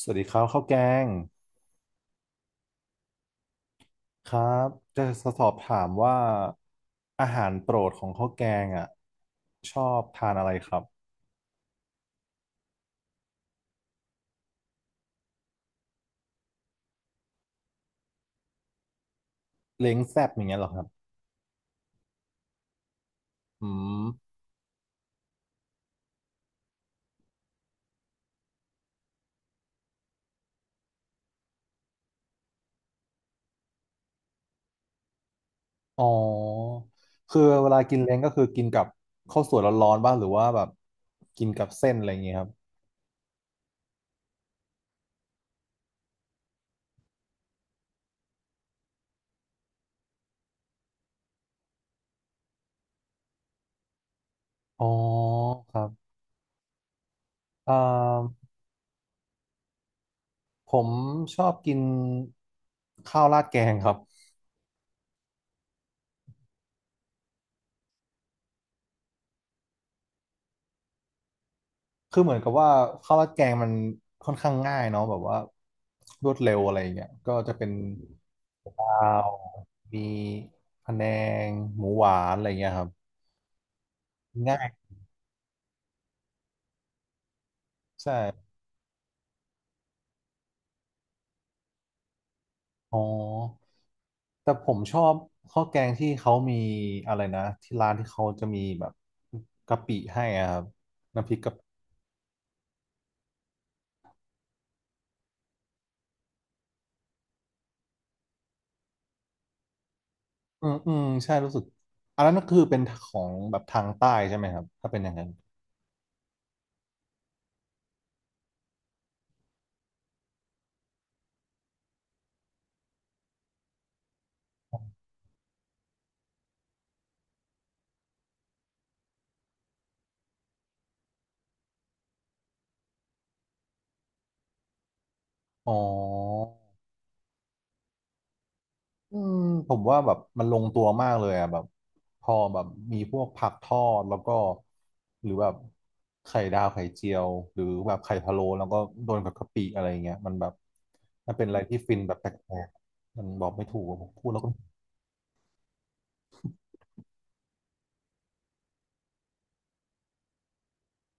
สวัสดีครับข้าวแกงครับจะสอบถามว่าอาหารโปรดของข้าวแกงอ่ะชอบทานอะไรครับเล้งแซ่บอย่างเงี้ยเหรอครับอืมอ๋อคือเวลากินเล้งก็คือกินกับข้าวสวยร้อนๆบ้างหรือว่าแบบกินกับเส้นอะไรอย่างเงี้ยครับอ๋อครับอ่าผมชอบกินข้าวราดแกงครับคือเหมือนกับว่าข้าวราดแกงมันค่อนข้างง่ายเนาะแบบว่ารวดเร็วอะไรอย่างเงี้ยก็จะเป็น ข้าวมีพะแนงหมูหวานอะไรเงี้ยครับง่ายใช่อ๋อแต่ผมชอบข้าวแกงที่เขามีอะไรนะที่ร้านที่เขาจะมีแบบกะปิให้อะครับน้ำพริกกะปิอืมอืมใช่รู้สึกอันนั้นก็คือเป็นของแบบทางใต้ใช่ไหมครับถ้าเป็นอย่างนั้นอ๋อ อืมผมว่าแบบมันลงตัวมากเลยอ่ะแบบพอแบบมีพวกผักทอดแล้วก็หรือแบบไข่ดาวไข่เจียวหรือแบบไข่พะโล้แล้วก็โดนกับกะปิอะไรเงี้ยมันแบบมันเป็นอะไรที่ฟินแบบแปลกๆมันบอกไม่ถูกอะผมพูดแล้วก็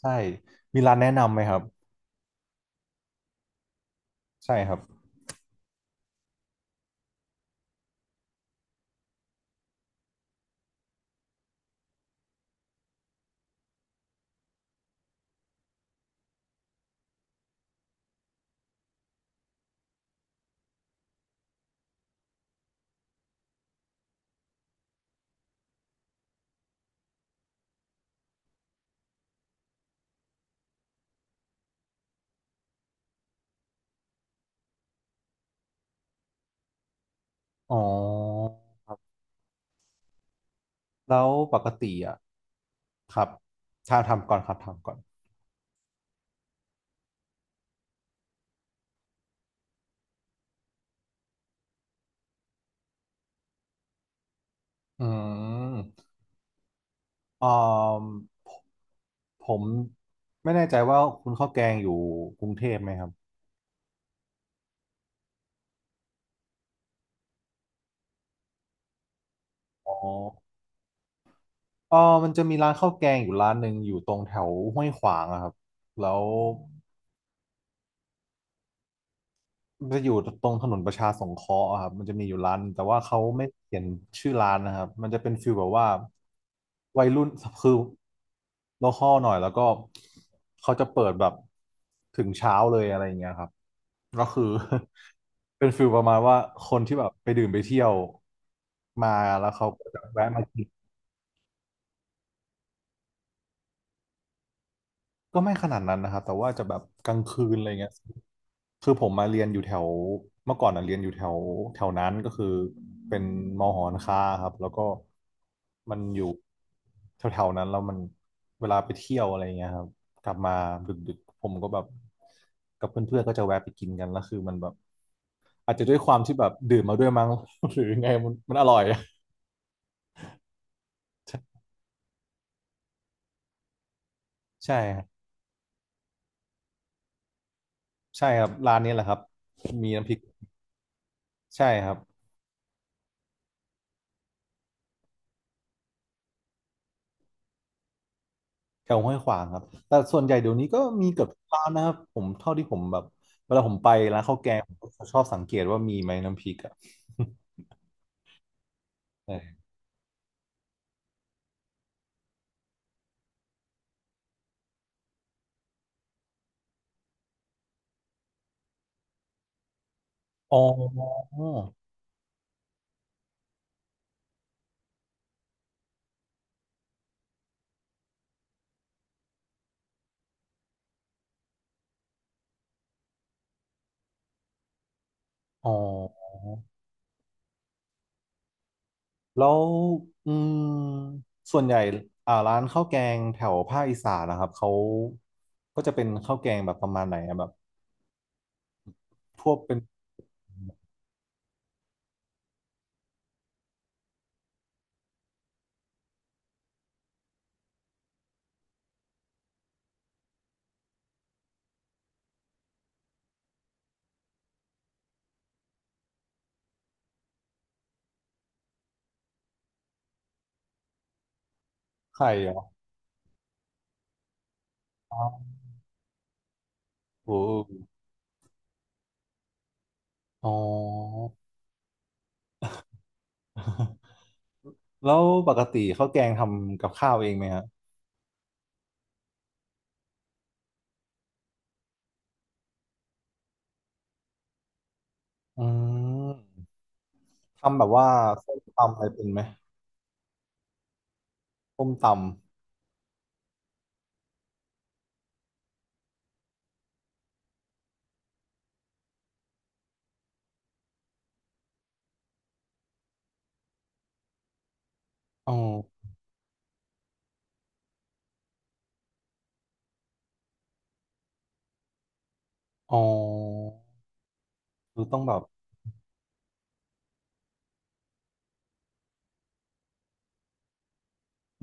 ใช่มีร้านแนะนำไหมครับใช่ครับอ๋อแล้วปกติอ่ะครับทางทำก่อนครับทำก่อนอืมอ่อผมไม่แน่ใจว่าคุณข้าวแกงอยู่กรุงเทพไหมครับ อ๋อเออมันจะมีร้านข้าวแกงอยู่ร้านหนึ่งอยู่ตรงแถวห้วยขวางอะครับแล้วมันจะอยู่ตรงถนนประชาสงเคราะห์อะครับมันจะมีอยู่ร้านแต่ว่าเขาไม่เขียนชื่อร้านนะครับมันจะเป็นฟีลแบบว่าวัยรุ่นคือโลคอลหน่อยแล้วก็เขาจะเปิดแบบถึงเช้าเลยอะไรอย่างเงี้ยครับก็คือ เป็นฟีลประมาณว่าคนที่แบบไปดื่มไปเที่ยวมาแล้วเขาก็จะแวะมากิน ก็ไม่ขนาดนั้นนะครับแต่ว่าจะแบบกลางคืนอะไรเงี้ยคือผมมาเรียนอยู่แถวเมื่อก่อนอ่ะเรียนอยู่แถวแถวนั้นก็คือเป็นมอหอนค้าครับแล้วก็มันอยู่แถวๆนั้นแล้วมันเวลาไปเที่ยวอะไรเงี้ยครับกลับมาดึกๆผมก็แบบกับเพื่อนๆก็จะแวะไปกินกันแล้วคือมันแบบอาจจะด้วยความที่แบบดื่มมาด้วยมั้ง หรือไงมันมันอร่อยอะใช่ครับใช่ครับร้านนี้แหละครับมีน้ำพริกใช่ครับ แถวห้วยขวางครับแต่ส่วนใหญ่เดี๋ยวนี้ก็มีเกือบทุกร้านนะครับผมเท่าที่ผมแบบเวลาผมไปร้านข้าวแกงผมก็ชอบสังเกตว่ามีไหมน้ำพริกอ่ะ เอออ๋ออ๋อแล้วอืมส่วนใหญ่ร้านข้าวแกงแถวภาคอีสานนะครับเขาก็จะเป็นข้าวแกงแบบประมาณไหนอะแบบพวกเป็นไข่เหรออ๋อโอ้โหอ๋อ แล้วปกติข้าวแกงทำกับข้าวเองไหมฮะอืม ทำแบบว่าส้มตำอะไรเป็นไหมส้มตำอ๋ออ๋อคือต้องแบบ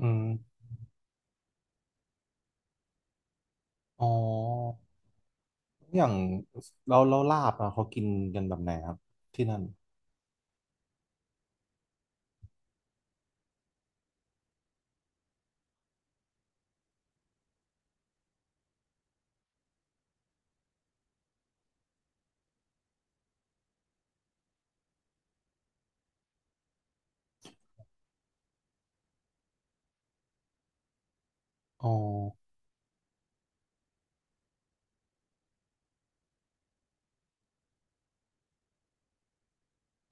อืมอ๋ออย่างเราเราลาบอะเขากินกันแบบไหนครับที่นั่นอ๋อ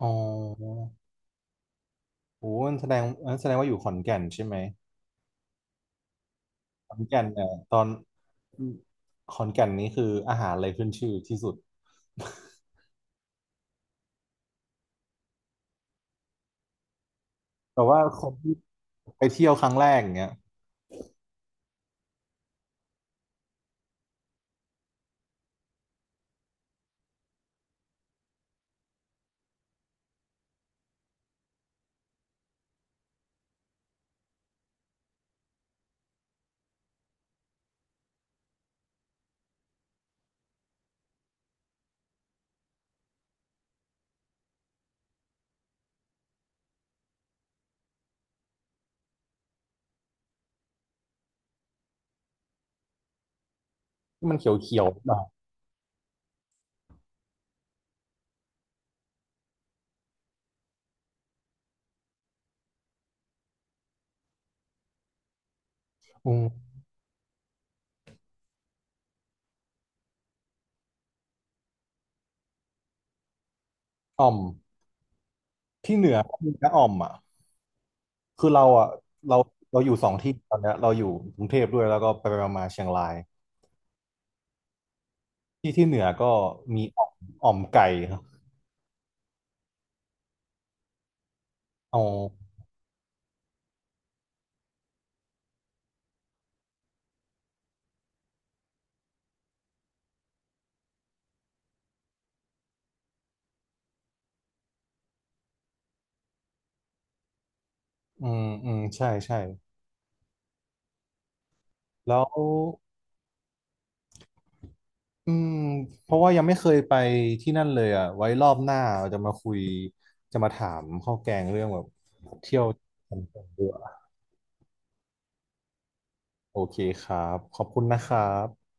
อ๋อโอ้มันแสดงงั้นแสดงว่าอยู่ขอนแก่นใช่ไหมขอนแก่นเนี่ยตอนขอนแก่นนี่คืออาหารอะไรขึ้นชื่อที่สุดแต่ว่าคนที่ไปเที่ยวครั้งแรกอย่างเงี้ยที่มันเขียวๆแบบอืมอ่อมที่เหนือก็มีนะอ่อมอ่ะ คือเราอ่ะเราเราอยู่สองที่ตอนเนี้ยเราอยู่กรุงเทพด้วยแล้วก็ไปไปมาๆเชียงรายที่ที่เหนือก็มีอ่อมอ่อมไก่ครับอออืมอืมใช่ใช่แล้วอืมเพราะว่ายังไม่เคยไปที่นั่นเลยอ่ะไว้รอบหน้าเราจะมาคุยจะมาถามข้าวแกงเรื่องแบบเที่ยวกันดีกว่าโอเคครับขอบคุณนะครับ